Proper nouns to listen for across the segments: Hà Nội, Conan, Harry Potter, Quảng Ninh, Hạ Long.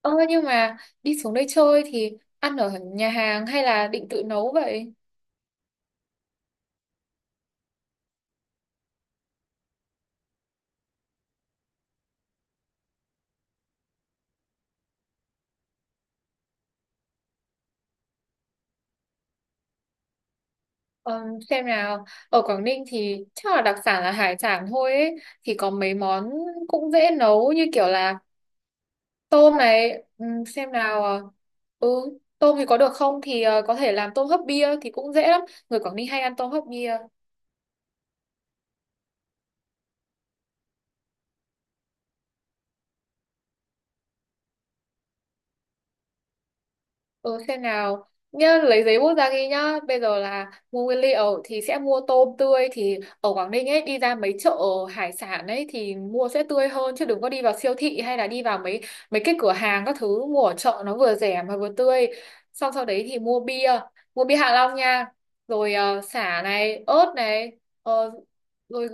Ơ nhưng mà đi xuống đây chơi thì ăn ở nhà hàng hay là định tự nấu vậy? Ờ, xem nào, ở Quảng Ninh thì chắc là đặc sản là hải sản thôi ấy. Thì có mấy món cũng dễ nấu như kiểu là tôm này, xem nào, ừ, tôm thì có được không thì có thể làm tôm hấp bia thì cũng dễ lắm. Người Quảng Ninh hay ăn tôm hấp bia. Ừ, xem nào nhá, lấy giấy bút ra ghi nhá, bây giờ là mua nguyên liệu thì sẽ mua tôm tươi, thì ở Quảng Ninh ấy đi ra mấy chợ hải sản ấy thì mua sẽ tươi hơn, chứ đừng có đi vào siêu thị hay là đi vào mấy mấy cái cửa hàng các thứ, mua ở chợ nó vừa rẻ mà vừa tươi. Xong sau đấy thì mua bia Hạ Long nha, rồi sả này, ớt này. Ờ, rồi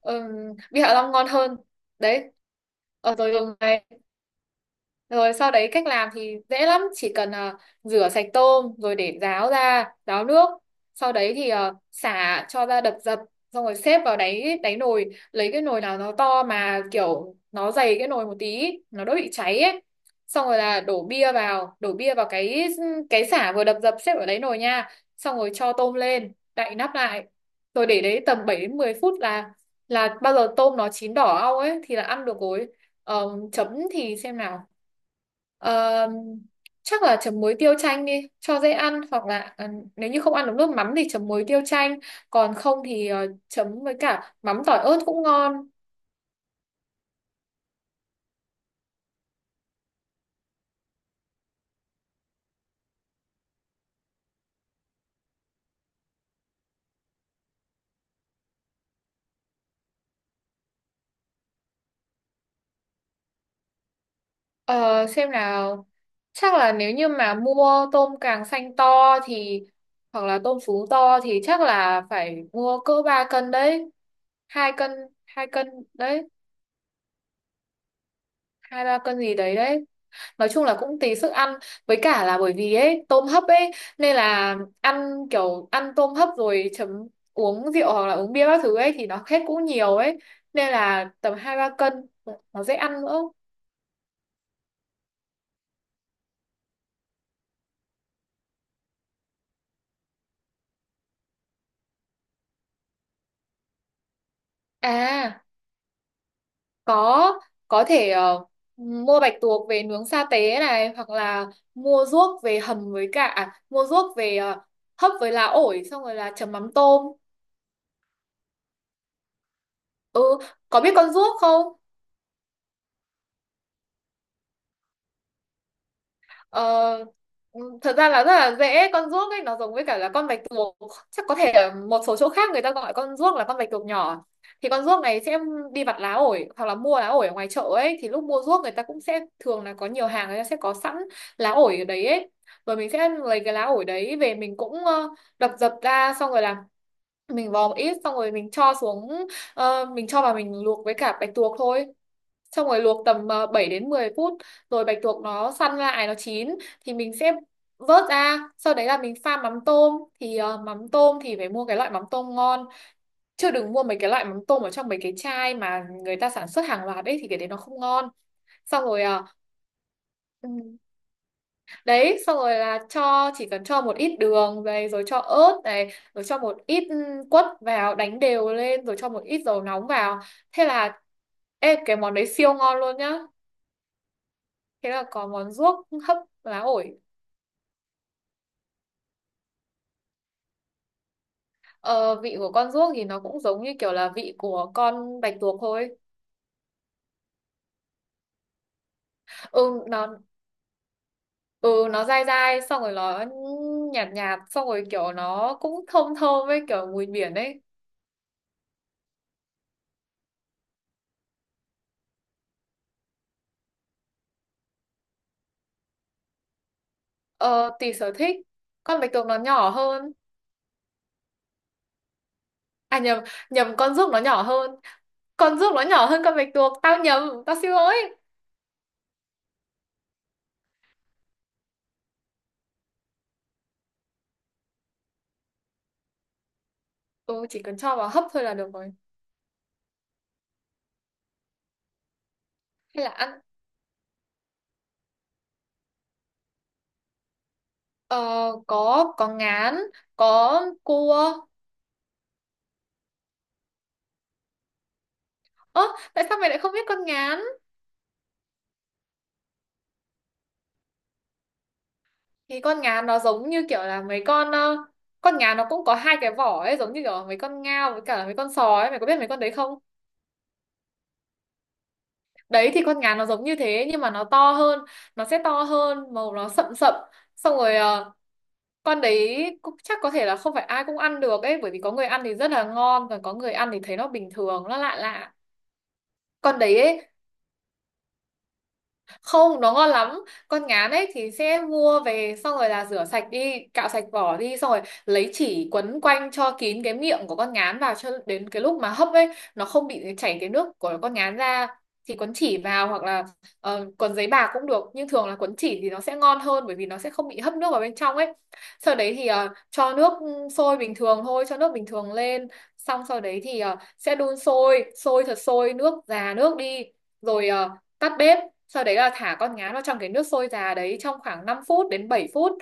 ừm, Bia Hạ Long ngon hơn đấy. Rồi đường này. Rồi sau đấy cách làm thì dễ lắm, chỉ cần rửa sạch tôm rồi để ráo ra, ráo nước. Sau đấy thì xả cho ra đập dập, xong rồi xếp vào đáy đáy nồi, lấy cái nồi nào nó to mà kiểu nó dày cái nồi một tí, nó đỡ bị cháy ấy. Xong rồi là đổ bia vào cái xả vừa đập dập xếp ở đáy nồi nha. Xong rồi cho tôm lên, đậy nắp lại. Rồi để đấy tầm 7 đến 10 phút là bao giờ tôm nó chín đỏ au ấy thì là ăn được rồi. Ờ, Chấm thì xem nào, Ờ, chắc là chấm muối tiêu chanh đi cho dễ ăn, hoặc là nếu như không ăn được nước mắm thì chấm muối tiêu chanh, còn không thì chấm với cả mắm tỏi ớt cũng ngon. Ờ, xem nào, chắc là nếu như mà mua tôm càng xanh to thì hoặc là tôm sú to thì chắc là phải mua cỡ 3 cân đấy, hai cân, hai cân đấy, hai ba cân gì đấy đấy. Nói chung là cũng tùy sức ăn, với cả là bởi vì ấy tôm hấp ấy nên là ăn kiểu ăn tôm hấp rồi chấm uống rượu hoặc là uống bia các thứ ấy thì nó hết cũng nhiều ấy, nên là tầm hai ba cân nó dễ ăn nữa. À, có có thể mua bạch tuộc về nướng sa tế này, hoặc là mua ruốc về hầm với cả, à, mua ruốc về hấp với lá ổi xong rồi là chấm mắm tôm. Ừ, có biết con ruốc không? Ờ, Thật ra là rất là dễ, con ruốc ấy nó giống với cả là con bạch tuộc, chắc có thể ở một số chỗ khác người ta gọi con ruốc là con bạch tuộc nhỏ. Thì con ruốc này sẽ đi vặt lá ổi hoặc là mua lá ổi ở ngoài chợ ấy, thì lúc mua ruốc người ta cũng sẽ thường là có nhiều hàng người ta sẽ có sẵn lá ổi ở đấy ấy. Rồi mình sẽ lấy cái lá ổi đấy về, mình cũng đập dập ra, xong rồi là mình vò một ít xong rồi mình cho xuống, mình cho vào mình luộc với cả bạch tuộc thôi. Xong rồi luộc tầm 7 đến 10 phút, rồi bạch tuộc nó săn lại nó chín thì mình sẽ vớt ra. Sau đấy là mình pha mắm tôm thì mắm tôm thì phải mua cái loại mắm tôm ngon, chứ đừng mua mấy cái loại mắm tôm ở trong mấy cái chai mà người ta sản xuất hàng loạt ấy thì cái đấy nó không ngon. Xong rồi, ừ, đấy, xong rồi là cho, chỉ cần cho một ít đường này rồi cho ớt này rồi cho một ít quất vào đánh đều lên rồi cho một ít dầu nóng vào, thế là ê cái món đấy siêu ngon luôn nhá. Thế là có món ruốc hấp lá ổi. Ờ, Vị của con ruốc thì nó cũng giống như kiểu là vị của con bạch tuộc thôi. Ừ nó ừ nó dai dai xong rồi nó nhạt nhạt xong rồi kiểu nó cũng thơm thơm với kiểu mùi biển ấy. Ờ tùy sở thích. Con bạch tuộc nó nhỏ hơn. À nhầm, con ruốc nó nhỏ hơn. Con ruốc nó nhỏ hơn con bạch tuộc. Tao nhầm, tao xin lỗi. Ừ, chỉ cần cho vào hấp thôi là được rồi. Hay là ăn, ờ, có ngán, có cua. Ơ, tại sao mày lại không biết con ngán? Thì con ngán nó giống như kiểu là mấy con, con ngán nó cũng có hai cái vỏ ấy giống như kiểu mấy con ngao với cả mấy con sói ấy. Mày có biết mấy con đấy không? Đấy thì con ngán nó giống như thế nhưng mà nó to hơn, nó sẽ to hơn, màu nó sậm sậm, xong rồi con đấy cũng chắc có thể là không phải ai cũng ăn được ấy, bởi vì có người ăn thì rất là ngon, còn có người ăn thì thấy nó bình thường nó lạ lạ. Con đấy ấy, không, nó ngon lắm. Con ngán ấy thì sẽ mua về xong rồi là rửa sạch đi, cạo sạch vỏ đi, xong rồi lấy chỉ quấn quanh cho kín cái miệng của con ngán vào, cho đến cái lúc mà hấp ấy nó không bị chảy cái nước của con ngán ra. Thì quấn chỉ vào, hoặc là quấn giấy bạc cũng được, nhưng thường là quấn chỉ thì nó sẽ ngon hơn bởi vì nó sẽ không bị hấp nước vào bên trong ấy. Sau đấy thì cho nước sôi bình thường thôi, cho nước bình thường lên, xong sau đấy thì sẽ đun sôi sôi thật sôi, nước già nước đi, rồi tắt bếp. Sau đấy là thả con ngán vào trong cái nước sôi già đấy trong khoảng 5 phút đến 7 phút,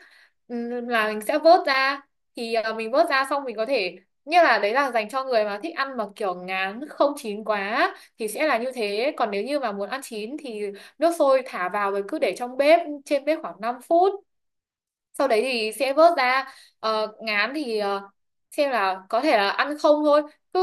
Là mình sẽ vớt ra. Thì mình vớt ra xong, mình có thể, như là đấy là dành cho người mà thích ăn mà kiểu ngán không chín quá thì sẽ là như thế, còn nếu như mà muốn ăn chín thì nước sôi thả vào rồi cứ để trong bếp trên bếp khoảng 5 phút, sau đấy thì sẽ vớt ra. Ngán thì xem là có thể là ăn không thôi, cứ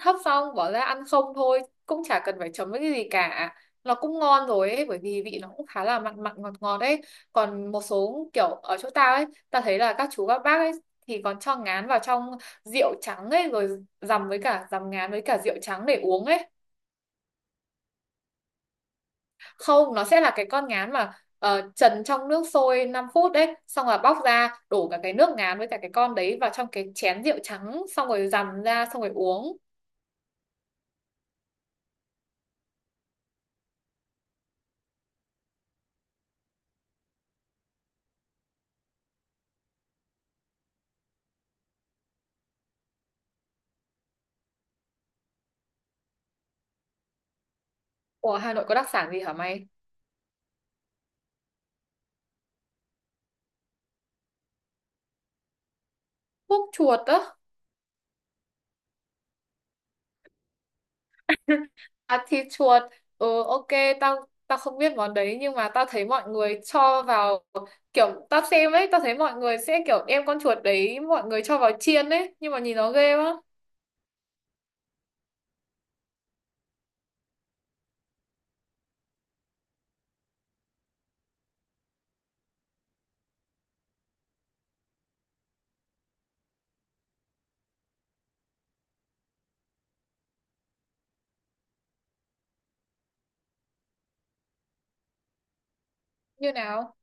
hấp xong bỏ ra ăn không thôi cũng chả cần phải chấm với cái gì cả, nó cũng ngon rồi ấy, bởi vì vị nó cũng khá là mặn mặn ngọt ngọt ấy. Còn một số kiểu ở chỗ tao ấy tao thấy là các chú các bác ấy thì còn cho ngán vào trong rượu trắng ấy rồi dằm với cả, dằm ngán với cả rượu trắng để uống ấy. Không, nó sẽ là cái con ngán mà trần trong nước sôi 5 phút đấy, xong rồi bóc ra đổ cả cái nước ngán với cả cái con đấy vào trong cái chén rượu trắng xong rồi dằm ra xong rồi uống. Ủa Hà Nội có đặc sản gì hả mày? Thuốc chuột á? À thịt chuột, ừ, ok, tao tao không biết món đấy, nhưng mà tao thấy mọi người cho vào, kiểu tao xem ấy tao thấy mọi người sẽ kiểu đem con chuột đấy mọi người cho vào chiên ấy nhưng mà nhìn nó ghê quá. Như nào?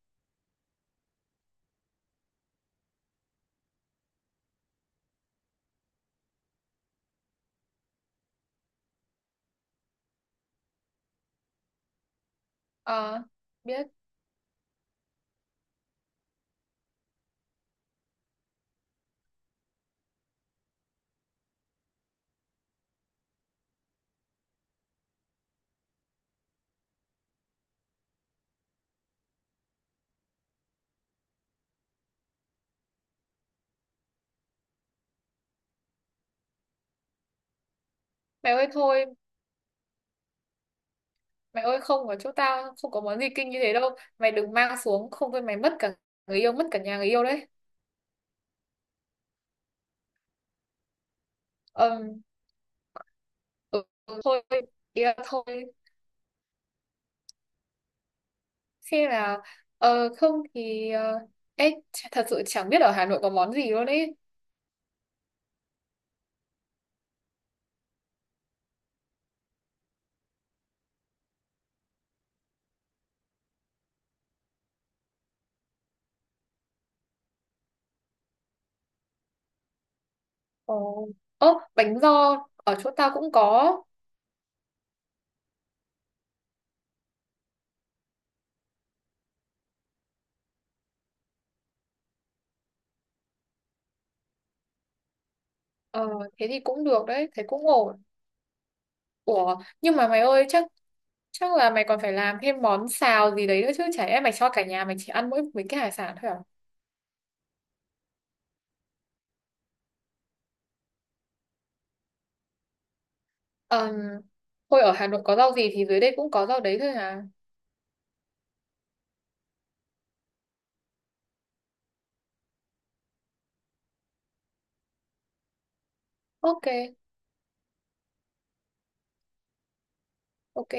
Ờ, biết. Mày ơi thôi, mày ơi không, ở chỗ tao không có món gì kinh như thế đâu, mày đừng mang xuống không thôi mày mất cả người yêu, mất cả nhà người yêu đấy. Ờm, ừ, Thôi, ý là thôi. Xem là không thì ê, ch- thật sự chẳng biết ở Hà Nội có món gì luôn ấy. Ồ, ố, bánh giò ở chỗ tao cũng có. Ờ thế thì cũng được đấy, thế cũng ổn. Ủa nhưng mà mày ơi, chắc chắc là mày còn phải làm thêm món xào gì đấy nữa chứ. Chả lẽ mày cho cả nhà mày chỉ ăn mỗi mấy cái hải sản thôi à? Ờm, Thôi, ở Hà Nội có rau gì thì dưới đây cũng có rau đấy thôi à. Ok, ok.